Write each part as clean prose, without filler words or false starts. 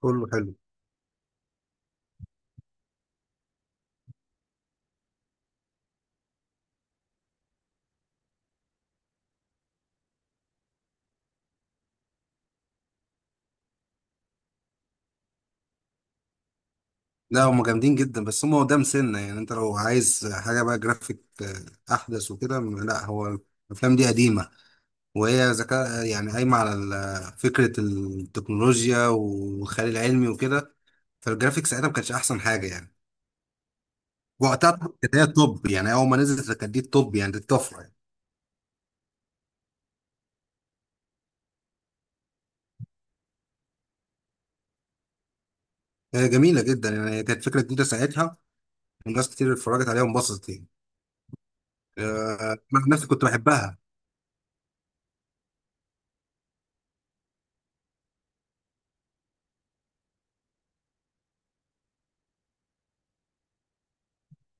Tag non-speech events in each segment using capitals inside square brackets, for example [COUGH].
كله حلو. لا، هم جامدين جدا، بس هم قدام سنة يعني. انت لو عايز حاجة بقى جرافيك احدث وكده، لا، هو الافلام دي قديمة. وهي ذكاء يعني، قايمة على فكرة التكنولوجيا والخيال العلمي وكده. فالجرافيكس ساعتها ما كانتش احسن حاجة يعني، وقتها كانت هي التوب. يعني اول ما نزلت كانت دي التوب، يعني دي الطفرة يعني. هي جميلة جدا يعني، هي كانت فكرة جديدة ساعتها، وناس كتير اتفرجت عليها وانبسطت يعني. انا نفسي كنت بحبها.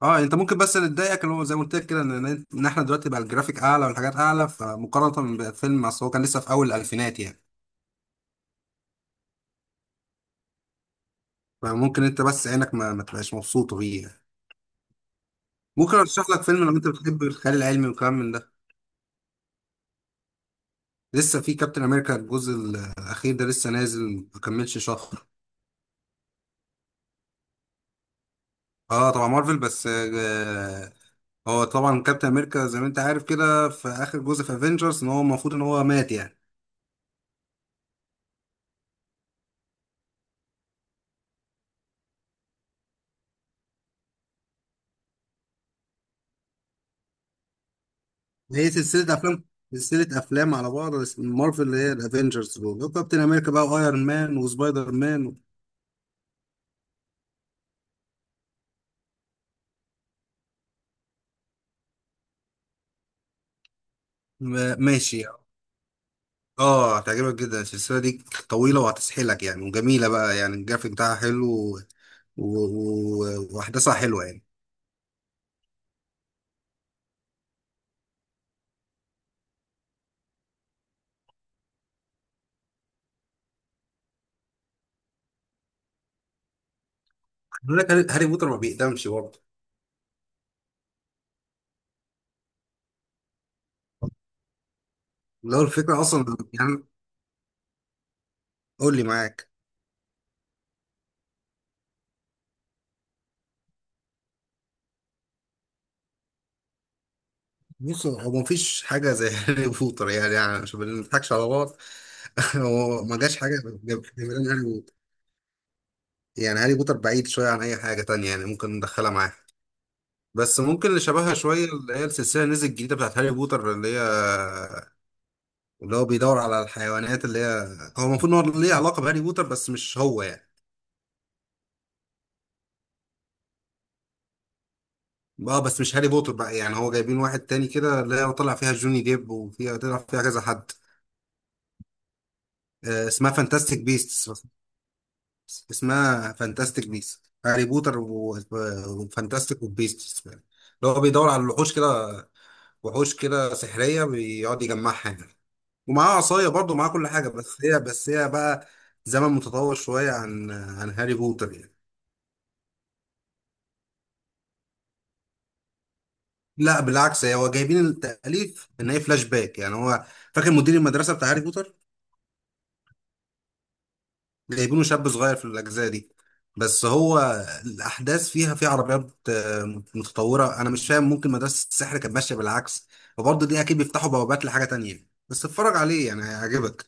اه، انت ممكن، بس اللي تضايقك اللي هو زي ما قلت لك كده ان احنا دلوقتي بقى الجرافيك اعلى والحاجات اعلى، فمقارنه بالفيلم اصل هو كان لسه في اول الالفينات يعني. فممكن انت بس عينك ما تبقاش مبسوطه بيه يعني. ممكن ارشح لك فيلم، لو انت بتحب الخيال العلمي والكلام من ده. لسه في كابتن امريكا الجزء الاخير ده، لسه نازل، ما كملش شهر. اه، طبعا مارفل، بس هو طبعا كابتن امريكا زي ما انت عارف كده، في اخر جزء في افنجرز ان هو المفروض ان هو مات يعني. هي سلسلة أفلام، سلسلة أفلام على بعض، بس من مارفل، اللي هي الأفينجرز دول، كابتن أمريكا بقى وأيرون مان وسبايدر مان و... ما- ماشي يعني. اه، هتعجبك جدا. السلسلة دي طويلة وهتسحلك يعني، وجميلة بقى يعني، الجرافيك بتاعها حلو و... و... و... وأحداثها حلوة يعني. بيقول لك هاري بوتر ما بيقدمش برضه، اللي هو الفكرة أصلا يعني. قول لي معاك. بص، هو مفيش حاجة زي [LAUGHS] هاري بوتر، يعني عشان ما نضحكش على بعض. [LAUGHS] هو ما جاش حاجة. جاب- جاب- يعني هاري بوتر بعيد شوية عن أي حاجة تانية، يعني ممكن ندخلها معاه. بس ممكن اللي شبهها شوية، اللي هي السلسلة اللي نزلت الجديدة بتاعت هاري بوتر، اللي هو بيدور على الحيوانات. اللي هي هو المفروض إن هو ليه علاقة بهاري بوتر، بس مش هو يعني. اه، بس مش هاري بوتر بقى يعني، هو جايبين واحد تاني كده، اللي هي طلع فيها جوني ديب، وفيها طلع فيها كذا حد. اسمها فانتاستيك بيست. اسمها فانتاستيك بيست هاري بوتر وفانتاستيك وبيست، اللي هو بيدور على الوحوش كده. وحوش كده سحرية، بيقعد يجمعها يعني، ومعاه عصاية برضه، معاه كل حاجة، بس هي بقى زمن متطور شوية عن هاري بوتر يعني. لا، بالعكس، هو جايبين التأليف إن هي فلاش باك يعني. هو فاكر مدير المدرسة بتاع هاري بوتر؟ جايبينه شاب صغير في الأجزاء دي. بس هو الأحداث فيها في عربيات متطورة، أنا مش فاهم، ممكن مدرسة السحر كانت ماشية بالعكس. وبرضه دي أكيد بيفتحوا بوابات لحاجة تانية، بس اتفرج عليه يعني، هيعجبك.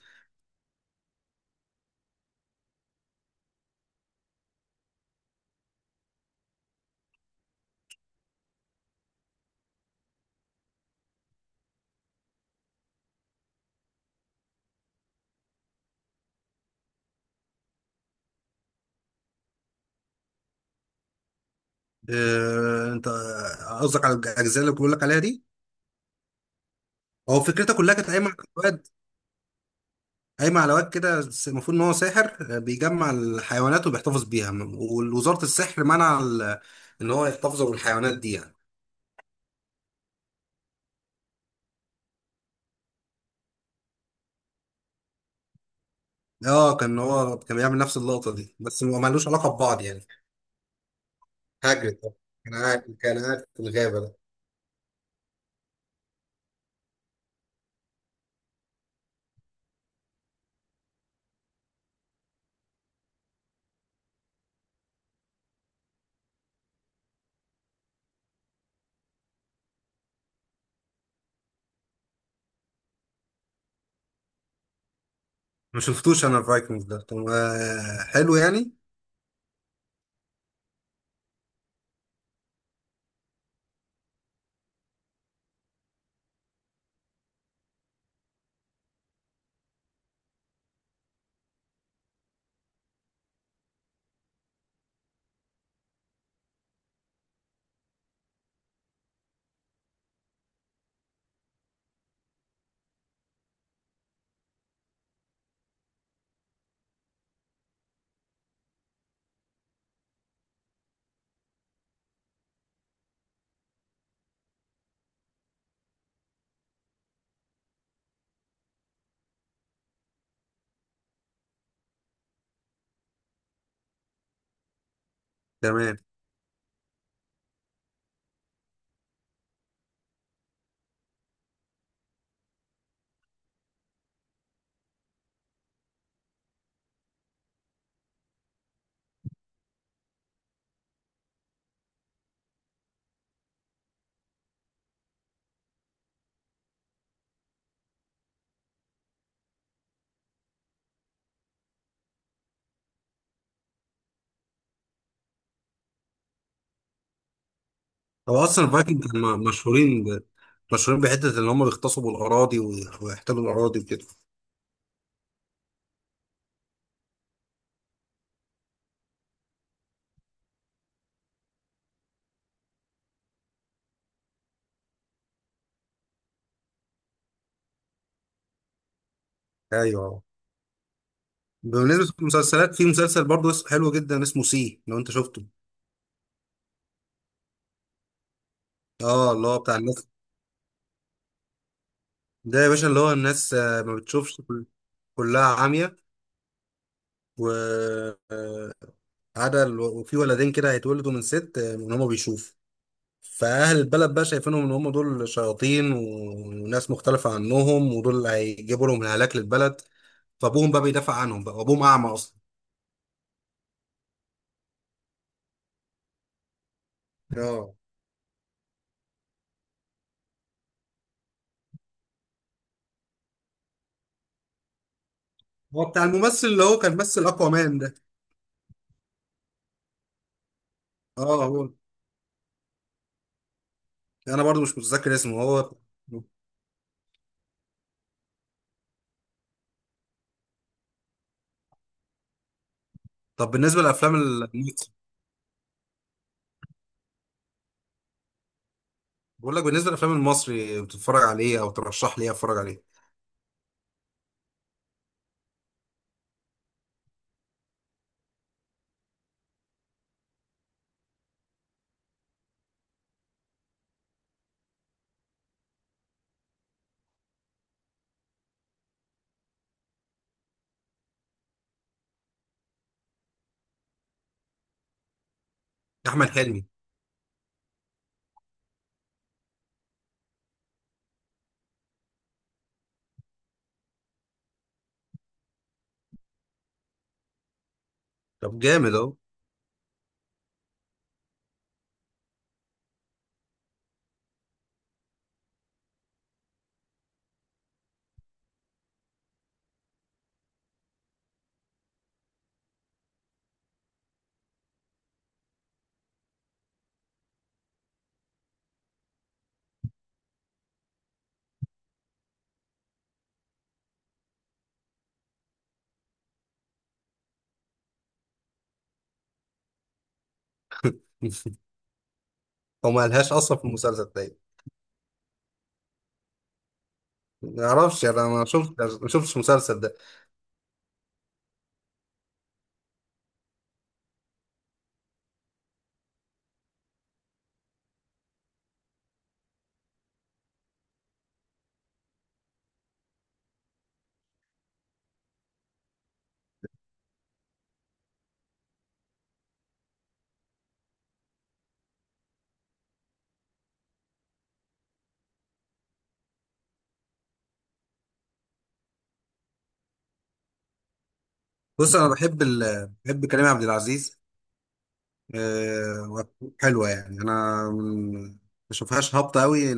انت قصدك على الاجزاء اللي بقول لك عليها دي؟ هو فكرتها كلها كانت قايمه على واد، قايمه على واد كده، المفروض ان هو ساحر، بيجمع الحيوانات وبيحتفظ بيها، ووزاره السحر منع ان هو يحتفظ بالحيوانات دي يعني. اه، كان هو كان بيعمل نفس اللقطه دي، بس ما ملوش علاقه ببعض يعني. هاجرد ده، كان قاعد في الغابه ده. ما شفتوش انا الفايكنجز ده. طب حلو يعني؟ تمام. هو اصلا الفايكنج كانوا مشهورين بحته ان هم بيغتصبوا الاراضي ويحتلوا الاراضي وكده. ايوه. بالنسبه للمسلسلات، في مسلسل برضه حلو جدا، اسمه سي، لو انت شفته؟ اه، اللي هو بتاع الناس. ده يا باشا، اللي هو الناس ما بتشوفش، كلها عاميه، و آه، عدا وفي ولدين كده هيتولدوا من ست، ان هم بيشوفوا. فأهل البلد بقى شايفينهم إن هم دول شياطين وناس مختلفة عنهم، ودول اللي هيجيبوا لهم الهلاك للبلد. فأبوهم بقى بيدافع عنهم بقى، وأبوهم أعمى أصلا. اه، هو بتاع الممثل اللي هو كان مثل اكوامان ده. اه، هو، انا برضو مش متذكر اسمه هو. طب، بالنسبه للافلام المصري. بقول لك، بالنسبه للافلام المصري، بتتفرج على ايه او ترشح لي ايه اتفرج عليه؟ احمد حلمي. طب جامد اهو. [LAUGHS] هو ما لهاش اصلا في المسلسل ده. ما اعرفش، انا ما شفتش المسلسل ده. بص، انا بحب كريم عبد العزيز. آه، حلوه يعني، انا ما بشوفهاش هابطه قوي.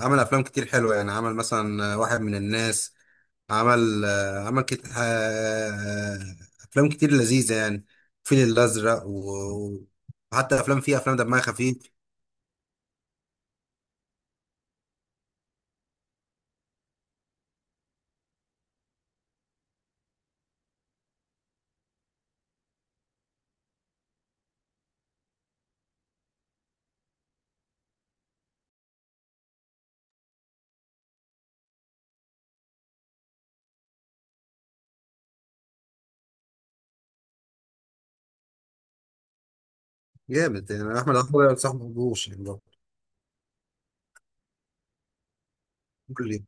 عمل افلام كتير حلوه يعني، عمل مثلا واحد من الناس، عمل كتير، افلام كتير لذيذه يعني. الفيل الازرق وحتى افلام، فيها افلام دمها خفيف. جامد يعني. احمد عمر صاحبي، ما بحبوش يعني برضه. كل-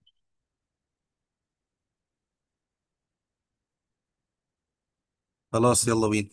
خلاص، يلا بينا.